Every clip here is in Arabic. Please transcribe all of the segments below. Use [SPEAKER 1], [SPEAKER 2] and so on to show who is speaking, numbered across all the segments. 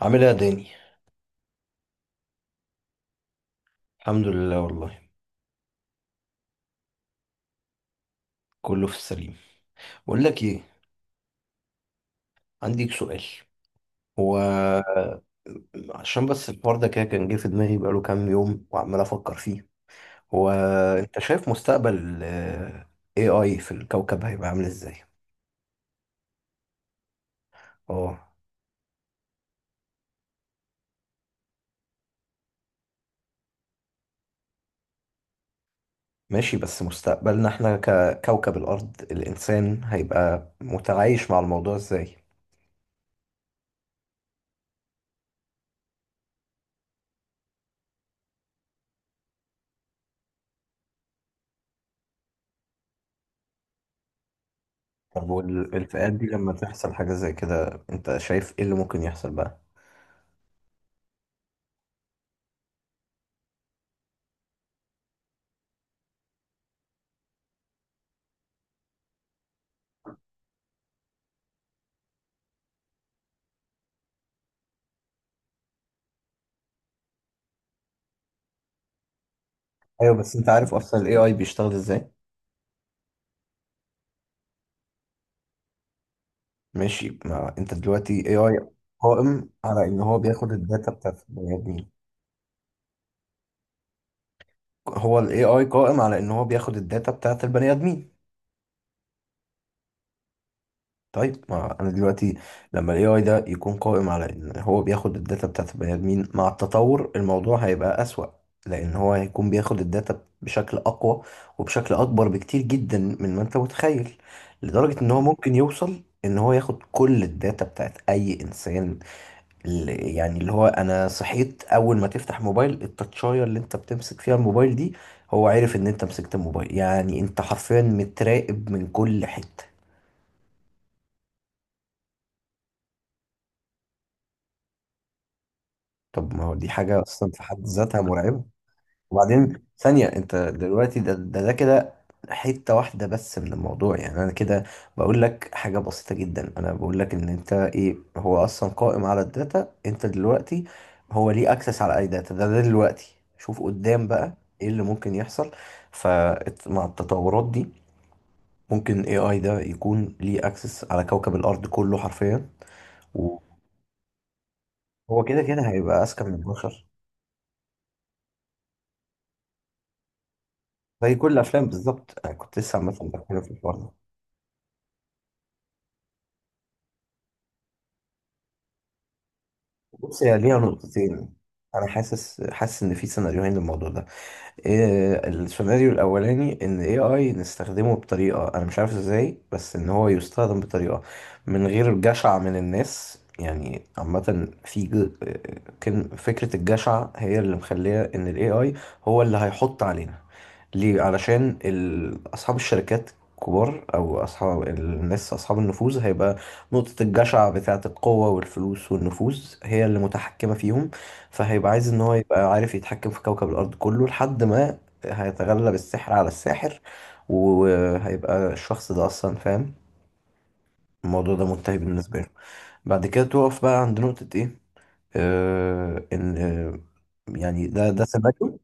[SPEAKER 1] عامل ايه يا داني؟ الحمد لله والله، كله في السليم. بقول لك ايه؟ عندي سؤال. هو عشان بس الحوار ده كده كان جه في دماغي بقاله كام يوم وعمال افكر فيه. هو انت شايف مستقبل ال AI في الكوكب هيبقى عامل ازاي؟ اه. ماشي، بس مستقبلنا احنا ككوكب الارض الانسان هيبقى متعايش مع الموضوع ازاي؟ طب والالتقاءات دي لما تحصل حاجة زي كده انت شايف ايه اللي ممكن يحصل بقى؟ ايوه، بس انت عارف اصلا ال AI بيشتغل ازاي؟ ماشي. ما انت دلوقتي اي اي قائم على ان هو بياخد الداتا بتاعت البني ادمين. هو الاي اي قائم على ان هو بياخد الداتا بتاعت البني ادمين. طيب ما انا دلوقتي، لما الاي اي ده يكون قائم على ان هو بياخد الداتا بتاعت البني ادمين مع التطور الموضوع هيبقى اسوأ. لان هو هيكون بياخد الداتا بشكل اقوى وبشكل اكبر بكتير جدا من ما انت متخيل. لدرجة ان هو ممكن يوصل ان هو ياخد كل الداتا بتاعت اي انسان. ال- يعني اللي هو انا صحيت اول ما تفتح موبايل، التاتشاية اللي انت بتمسك فيها الموبايل دي هو عارف ان انت مسكت الموبايل، يعني انت حرفيا متراقب من كل حتة. طب ما هو دي حاجة اصلا في حد ذاتها مرعبة. وبعدين ثانية انت دلوقتي ده كده، حتة واحدة بس من الموضوع، يعني انا كده بقول لك حاجة بسيطة جدا. انا بقول لك ان انت ايه هو اصلا قائم على الداتا انت دلوقتي. هو ليه اكسس على اي داتا؟ ده دلوقتي شوف قدام بقى ايه اللي ممكن يحصل. فمع التطورات دي ممكن اي اي ده يكون ليه اكسس على كوكب الارض كله حرفيا. وهو كده كده هيبقى اذكى من البشر. زي كل الافلام بالظبط، انا كنت لسه عامة بتكلم في الحوار ده. بص، هي ليها نقطتين. انا حاسس ان في سيناريوهين للموضوع ده. إيه السيناريو الاولاني؟ ان اي اي نستخدمه بطريقه انا مش عارف ازاي، بس ان هو يستخدم بطريقه من غير جشع من الناس، يعني عامه في كان فكره الجشع هي اللي مخليه ان الاي اي هو اللي هيحط علينا. ليه؟ علشان اصحاب الشركات كبار او اصحاب الناس اصحاب النفوذ، هيبقى نقطة الجشع بتاعة القوة والفلوس والنفوذ هي اللي متحكمة فيهم. فهيبقى عايز ان هو يبقى عارف يتحكم في كوكب الارض كله لحد ما هيتغلب السحر على الساحر. وهيبقى الشخص ده اصلا فاهم الموضوع ده منتهي بالنسبه له. بعد كده توقف بقى عند نقطه ايه؟ آه ان آه يعني ده سمعته.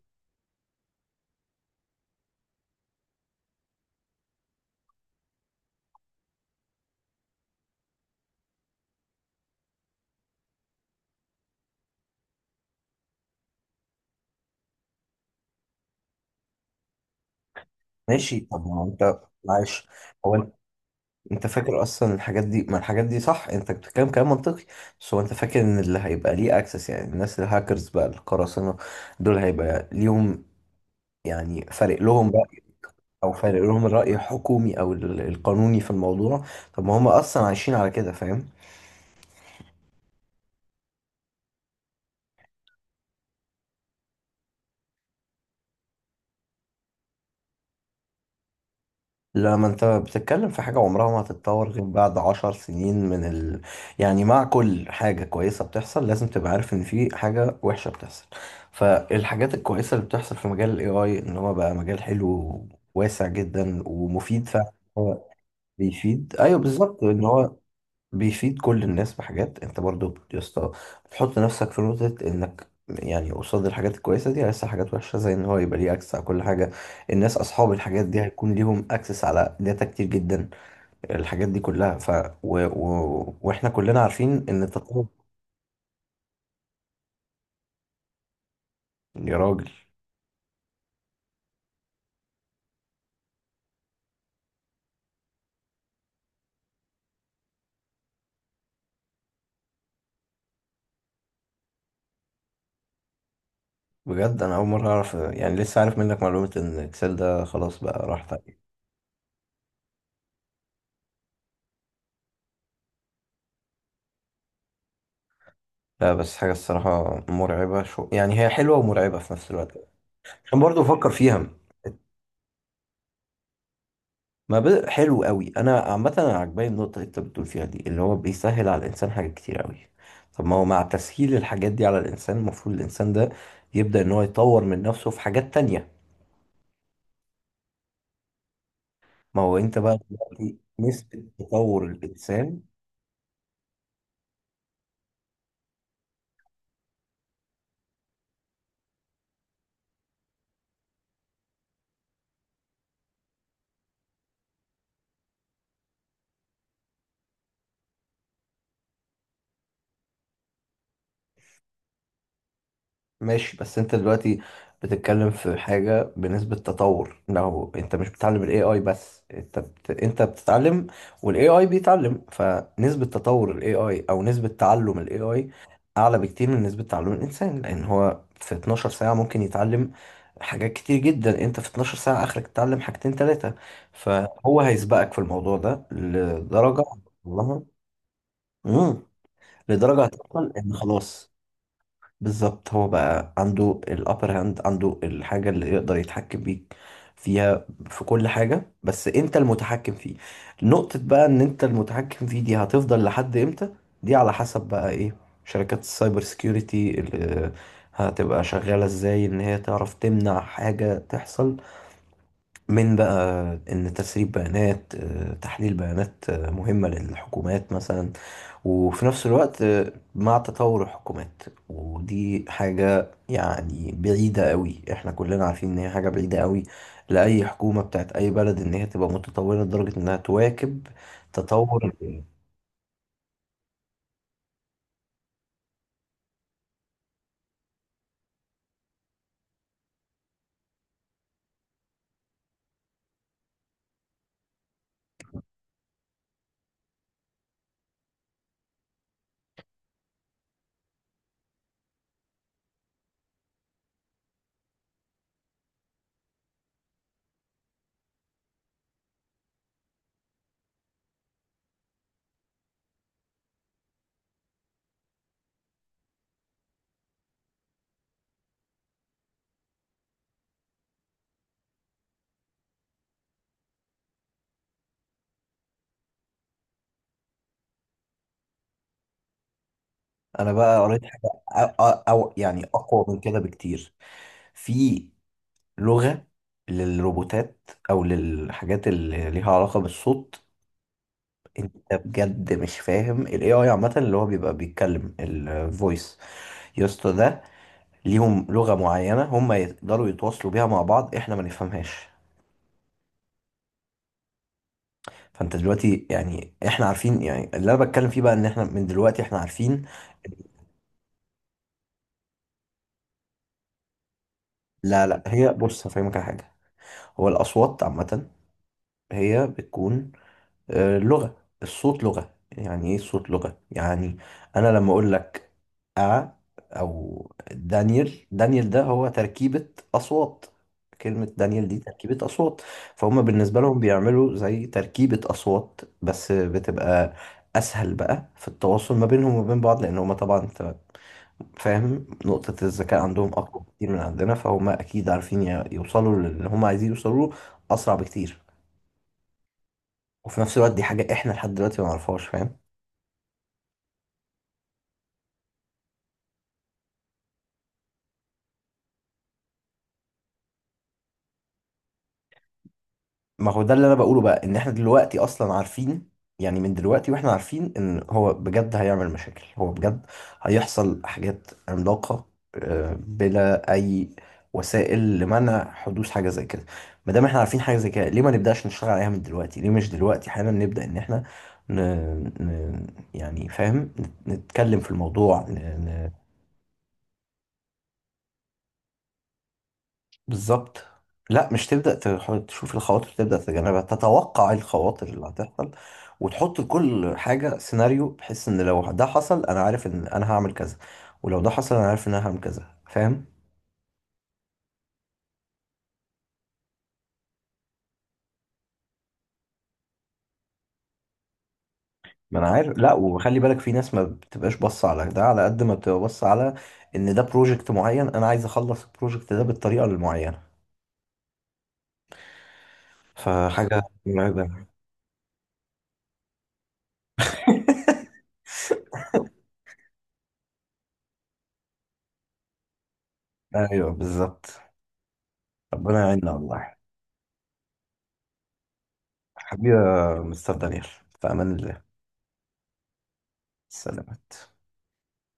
[SPEAKER 1] ماشي. طب ما هو انت معلش. هو انت انت فاكر اصلا الحاجات دي. ما الحاجات دي صح، انت بتتكلم كلام منطقي. بس هو انت فاكر ان اللي هيبقى ليه اكسس، يعني الناس الهاكرز بقى، القراصنه دول هيبقى ليهم يعني فارق لهم بقى؟ او فارق لهم الرأي الحكومي او القانوني في الموضوع؟ طب ما هم اصلا عايشين على كده فاهم. لما انت بتتكلم في حاجة عمرها ما هتتطور غير بعد عشر سنين يعني مع كل حاجة كويسة بتحصل لازم تبقى عارف ان في حاجة وحشة بتحصل. فالحاجات الكويسة اللي بتحصل في مجال الاي اي ان هو بقى مجال حلو واسع جدا ومفيد فعلا. هو بيفيد. ايوه، بالظبط، ان هو بيفيد كل الناس بحاجات. انت برضو يا اسطى، بتحط نفسك في نقطة انك يعني قصاد الحاجات الكويسة دي لسه حاجات وحشة، زي ان هو يبقى ليه اكسس على كل حاجة. الناس اصحاب الحاجات دي هيكون ليهم اكسس على داتا كتير جدا، الحاجات دي كلها. واحنا كلنا عارفين ان التطور. يا راجل. بجد انا اول مرة اعرف، يعني لسه عارف منك معلومة ان اكسل ده خلاص بقى راح تقريبا. لا، بس حاجة الصراحة مرعبة. شو يعني، هي حلوة ومرعبة في نفس الوقت. عشان برضو بفكر فيها. ما بد... حلو قوي. انا عامه انا عجباني النقطه اللي انت بتقول فيها دي، اللي هو بيسهل على الانسان حاجات كتير قوي. طب ما هو مع تسهيل الحاجات دي على الانسان المفروض الانسان ده يبدا ان هو يطور من نفسه في حاجات تانية. ما هو انت بقى دلوقتي نسبه تطور الانسان. ماشي، بس انت دلوقتي بتتكلم في حاجة بنسبة تطور. لو انت مش بتتعلم ال AI بس انت انت بتتعلم وال AI بيتعلم، فنسبة تطور ال AI او نسبة تعلم ال AI اعلى بكتير من نسبة تعلم الانسان. لان هو في 12 ساعة ممكن يتعلم حاجات كتير جدا، انت في 12 ساعة اخرك تتعلم حاجتين تلاتة. فهو هيسبقك في الموضوع ده لدرجة. والله. مم. لدرجة هتوصل ان خلاص. بالظبط، هو بقى عنده الابر هاند، عنده الحاجة اللي يقدر يتحكم بيك فيها في كل حاجة، بس انت المتحكم فيه. نقطة بقى ان انت المتحكم فيه دي هتفضل لحد امتى؟ دي على حسب بقى ايه؟ شركات السايبر سيكيورتي اللي هتبقى شغالة ازاي ان هي تعرف تمنع حاجة تحصل، من بقى ان تسريب بيانات تحليل بيانات مهمة للحكومات مثلا. وفي نفس الوقت مع تطور الحكومات. ودي حاجة يعني بعيدة قوي، احنا كلنا عارفين ان هي حاجة بعيدة قوي لأي حكومة بتاعت أي بلد ان هي تبقى متطورة لدرجة انها تواكب تطور. انا بقى قريت حاجة، أو يعني أقوى من كده بكتير. في لغة للروبوتات أو للحاجات اللي ليها علاقة بالصوت. انت بجد مش فاهم ال AI عامة اللي هو بيبقى بيتكلم الفويس يا اسطى ده، ليهم لغة معينة هم يقدروا يتواصلوا بيها مع بعض احنا ما نفهمهاش. فانت دلوقتي يعني احنا عارفين، يعني اللي انا بتكلم فيه بقى ان احنا من دلوقتي احنا عارفين. لا لا، هي بص هفهمك على حاجة. هو الأصوات عامة هي بتكون لغة. الصوت لغة، يعني ايه الصوت لغة يعني؟ انا لما اقول لك ا او دانيال، دانيال ده هو تركيبة اصوات. كلمة دانيال دي تركيبة اصوات. فهم بالنسبة لهم بيعملوا زي تركيبة اصوات بس بتبقى اسهل بقى في التواصل ما بينهم وبين بعض، لان هم طبعا انت فاهم نقطة الذكاء عندهم اقوى بكتير من عندنا. فهم اكيد عارفين يوصلوا للي هم عايزين يوصلوا له اسرع بكتير. وفي نفس الوقت دي حاجة احنا لحد دلوقتي ما نعرفهاش فاهم. ما هو ده اللي انا بقوله بقى، ان احنا دلوقتي اصلا عارفين، يعني من دلوقتي واحنا عارفين ان هو بجد هيعمل مشاكل، هو بجد هيحصل حاجات عملاقة بلا اي وسائل لمنع حدوث حاجة زي كده. ما دام احنا عارفين حاجة زي كده ليه ما نبدأش نشتغل عليها من دلوقتي؟ ليه مش دلوقتي حالا نبدأ ان احنا ن... ن... يعني فاهم نتكلم في الموضوع. بالظبط. لا، مش تبدأ تشوف الخواطر تبدأ تتجنبها. تتوقع إيه الخواطر اللي هتحصل وتحط لكل حاجة سيناريو، بحيث ان لو ده حصل انا عارف ان انا هعمل كذا، ولو ده حصل انا عارف ان انا هعمل كذا فاهم. ما انا عارف. لا، وخلي بالك في ناس ما بتبقاش باصة على ده على قد ما بتبقى باصة على ان ده بروجكت معين انا عايز اخلص البروجكت ده بالطريقة المعينة. فحاجة مرعبة. ايوه بالظبط. ربنا يعيننا والله. حبيبي يا مستر دانيال، في امان الله. سلامات.